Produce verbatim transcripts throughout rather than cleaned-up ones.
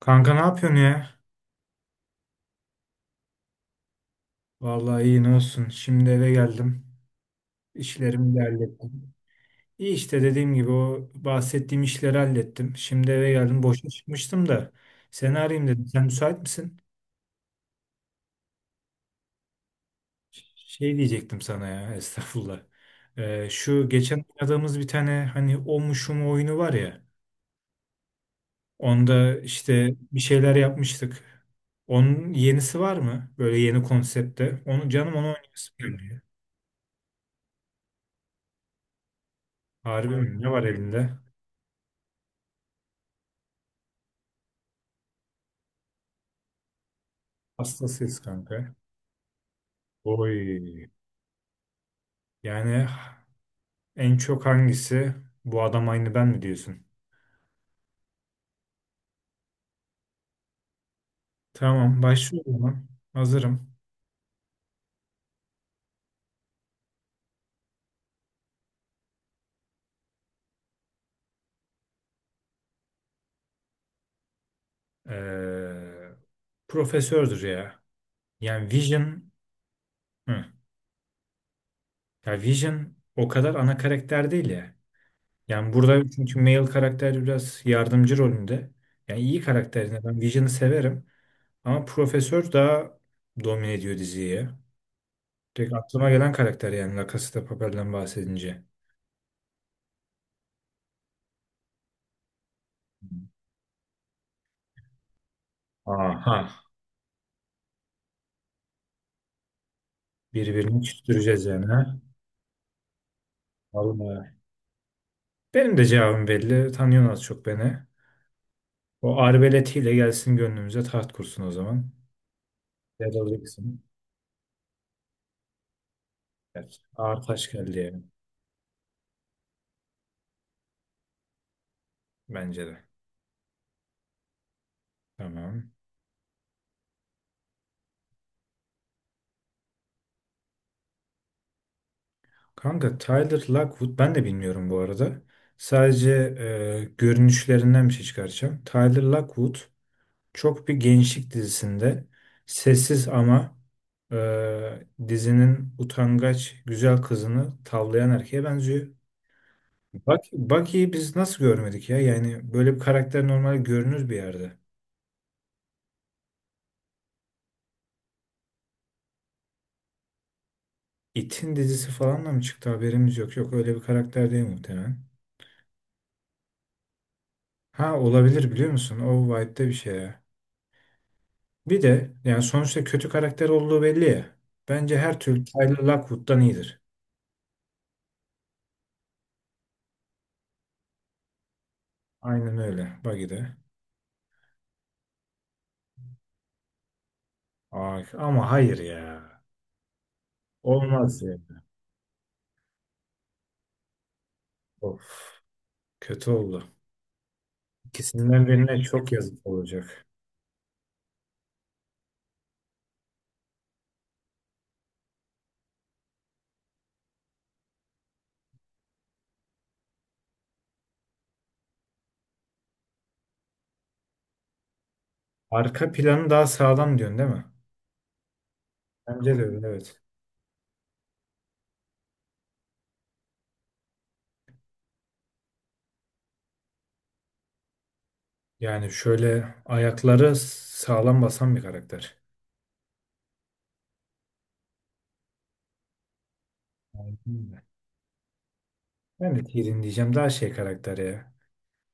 Kanka ne yapıyorsun ya? Vallahi iyi ne olsun. Şimdi eve geldim. İşlerimi de hallettim. İyi işte dediğim gibi o bahsettiğim işleri hallettim. Şimdi eve geldim. Boşa çıkmıştım da seni arayayım dedim. Sen müsait misin? Şey diyecektim sana ya estağfurullah. Ee, şu geçen oynadığımız bir tane hani o mu şu mu oyunu var ya. Onda işte bir şeyler yapmıştık. Onun yenisi var mı? Böyle yeni konsepte. Onu canım onu oynayasım gelmiyor. Harbi mi? Ne var elinde? Hastasıyız kanka. Oy. Yani en çok hangisi? Bu adam aynı ben mi diyorsun? Tamam başlıyorum lan. Hazırım. Ee, Profesördür ya. Yani Vision hı. Ya Vision o kadar ana karakter değil ya. Yani burada çünkü male karakter biraz yardımcı rolünde. Yani iyi karakterine ben Vision'ı severim. Ama Profesör daha domine ediyor diziyi ya. Tek aklıma gelen karakter yani La Casa de Papel'den bahsedince. Aha. Birbirini küstüreceğiz yani, ha? Vallahi. Benim de cevabım belli. Tanıyorsun az çok beni. O arbeletiyle gelsin gönlümüze taht kursun o zaman. Ya da Jackson. Evet. Ağır taş geldi yani. Bence de. Tamam. Kanka Tyler Lockwood ben de bilmiyorum bu arada. Sadece e, görünüşlerinden bir şey çıkaracağım. Tyler Lockwood çok bir gençlik dizisinde sessiz ama e, dizinin utangaç güzel kızını tavlayan erkeğe benziyor. Bak, Bucky'yi biz nasıl görmedik ya? Yani böyle bir karakter normal görünür bir yerde. It'in dizisi falan da mı çıktı haberimiz yok. Yok öyle bir karakter değil muhtemelen. Ha olabilir biliyor musun? O vibe'de bir şey ya. Bir de yani sonuçta kötü karakter olduğu belli ya. Bence her türlü Tyler Lockwood'dan iyidir. Aynen öyle Bucky'de. Ay, ama hayır ya. Olmaz ya. Of, kötü oldu. İkisinden birine çok yazık olacak. Arka planı daha sağlam diyorsun değil mi? Bence de öyle evet. Yani şöyle ayakları sağlam basan bir karakter. Aynen öyle. Ben de Tyrion diyeceğim daha şey karakter ya.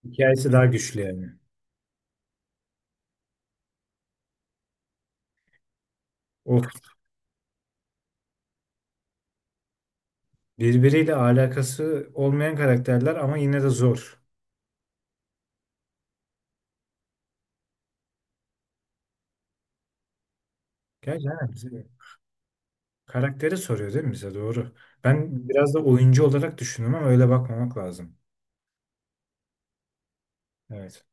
Hikayesi daha güçlü yani. O birbiriyle alakası olmayan karakterler ama yine de zor. Gerçi aynen bize- karakteri soruyor değil mi bize doğru. Ben biraz da oyuncu olarak düşündüm ama öyle bakmamak lazım. Evet.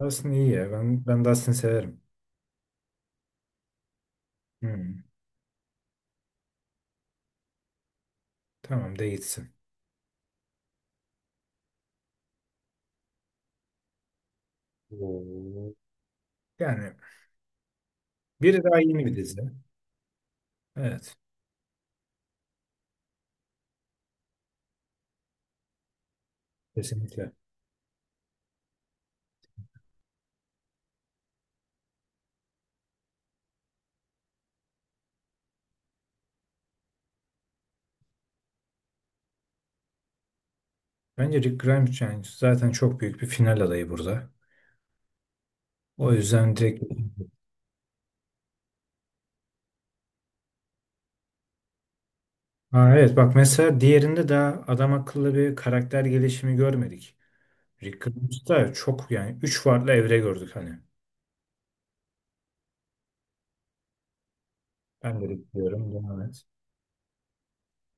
Dustin iyi ya. Ben, ben Dustin'i severim. Hmm. Tamam de gitsin. Oo. Yani biri daha yeni bir dizi. Evet. Kesinlikle. Bence Rick Grimes yani zaten çok büyük bir final adayı burada. O yüzden direkt... Ha, evet bak mesela diğerinde daha adam akıllı bir karakter gelişimi görmedik. Rick Grimes'ta çok yani üç farklı evre gördük hani. Ben de Rick diyorum. Devam et.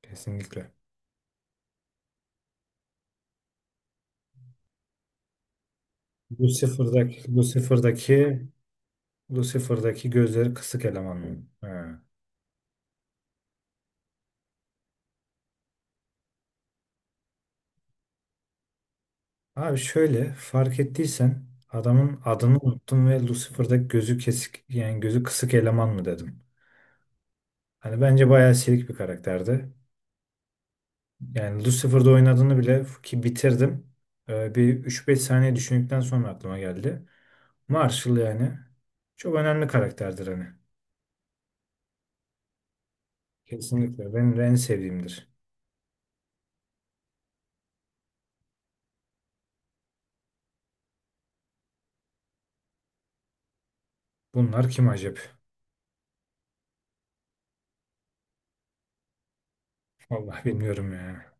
Kesinlikle. Lucifer'daki, Lucifer'daki, Lucifer'daki gözleri kısık eleman mı? Ha. Abi şöyle fark ettiysen adamın adını unuttum ve Lucifer'daki gözü kesik yani gözü kısık eleman mı dedim. Hani bence bayağı silik bir karakterdi. Yani Lucifer'da oynadığını bile ki bitirdim. Ee, bir üç beş saniye düşündükten sonra aklıma geldi. Marshall yani çok önemli karakterdir hani. Kesinlikle benim de en sevdiğimdir. Bunlar kim acaba? Vallahi bilmiyorum ya.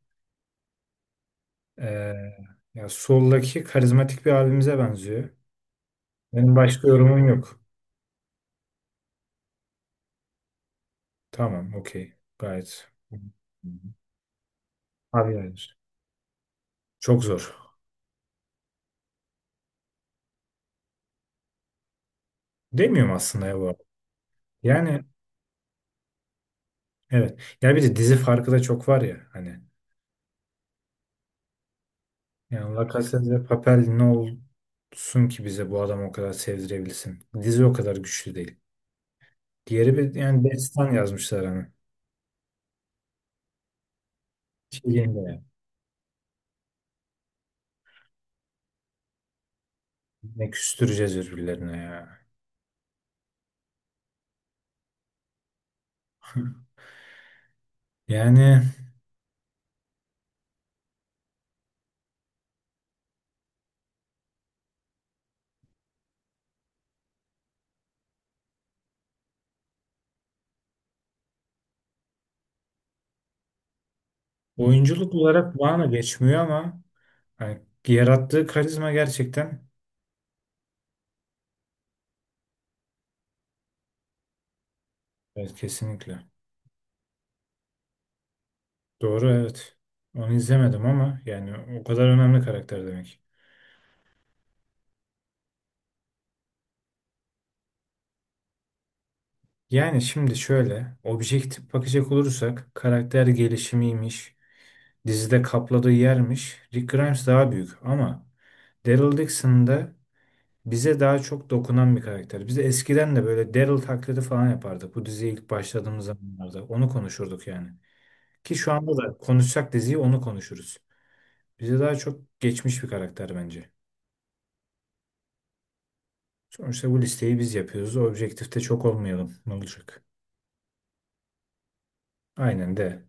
Ee, Ya soldaki karizmatik bir abimize benziyor. Benim başka yorumum yok. Tamam, okey. Gayet. Abi yani çok zor. Demiyorum aslında ya bu arada. Yani evet. Ya bir de dizi farkı da çok var ya hani. Yani Lacazette ve Papel ne olsun ki bize bu adam o kadar sevdirebilsin. Dizi o kadar güçlü değil. Diğeri bir yani destan yazmışlar hani. Şeyinde ya. Ne küstüreceğiz birbirlerine ya. Yani oyunculuk olarak bana geçmiyor ama hani yarattığı karizma gerçekten evet kesinlikle. Doğru evet. Onu izlemedim ama yani o kadar önemli karakter demek. Yani şimdi şöyle objektif bakacak olursak karakter gelişimiymiş. Dizide kapladığı yermiş. Rick Grimes daha büyük ama Daryl Dixon da bize daha çok dokunan bir karakter. Biz de eskiden de böyle Daryl taklidi falan yapardık. Bu diziye ilk başladığımız zamanlarda onu konuşurduk yani. Ki şu anda da konuşsak diziyi onu konuşuruz. Bize daha çok geçmiş bir karakter bence. Sonuçta bu listeyi biz yapıyoruz. Objektifte çok olmayalım. Ne olacak? Aynen de.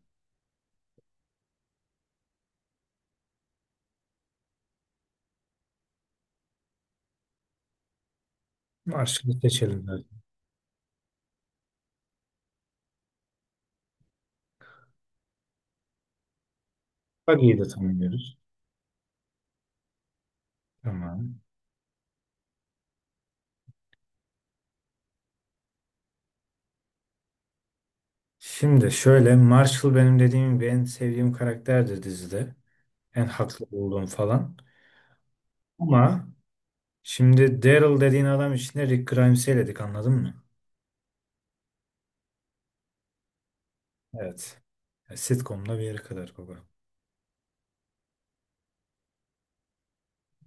Marshall'ı seçelim zaten. Buggy'yi de tanımlıyoruz. Tamam. Şimdi şöyle Marshall benim dediğim gibi en sevdiğim karakterdir dizide. En haklı olduğum falan. Ama şimdi Daryl dediğin adam içinde Rick Grimes'i eledik anladın mı? Evet. Ya, Sitcom'da bir yere kadar baba.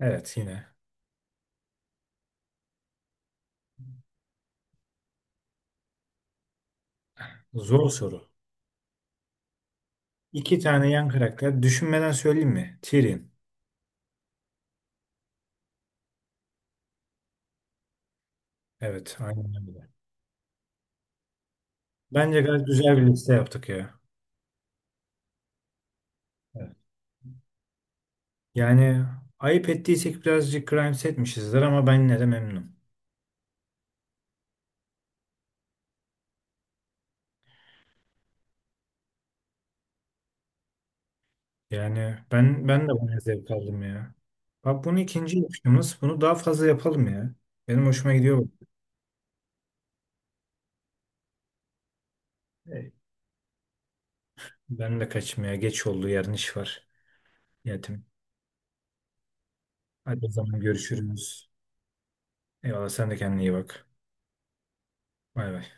Evet yine. Zor soru. İki tane yan karakter. Düşünmeden söyleyeyim mi? Tyrion. Evet aynen öyle. Bence gayet güzel bir liste yaptık ya. Evet. Yani ayıp ettiysek birazcık Grimes etmişizdir ama ben yine de memnunum. Yani ben ben de buna zevk aldım ya. Bak bunu ikinci yapışımız. Bunu daha fazla yapalım ya. Benim hoşuma gidiyor bu. Ben de kaçmaya geç oldu yarın iş var. Yetim. Hadi o zaman görüşürüz. Eyvallah sen de kendine iyi bak. Bay bay.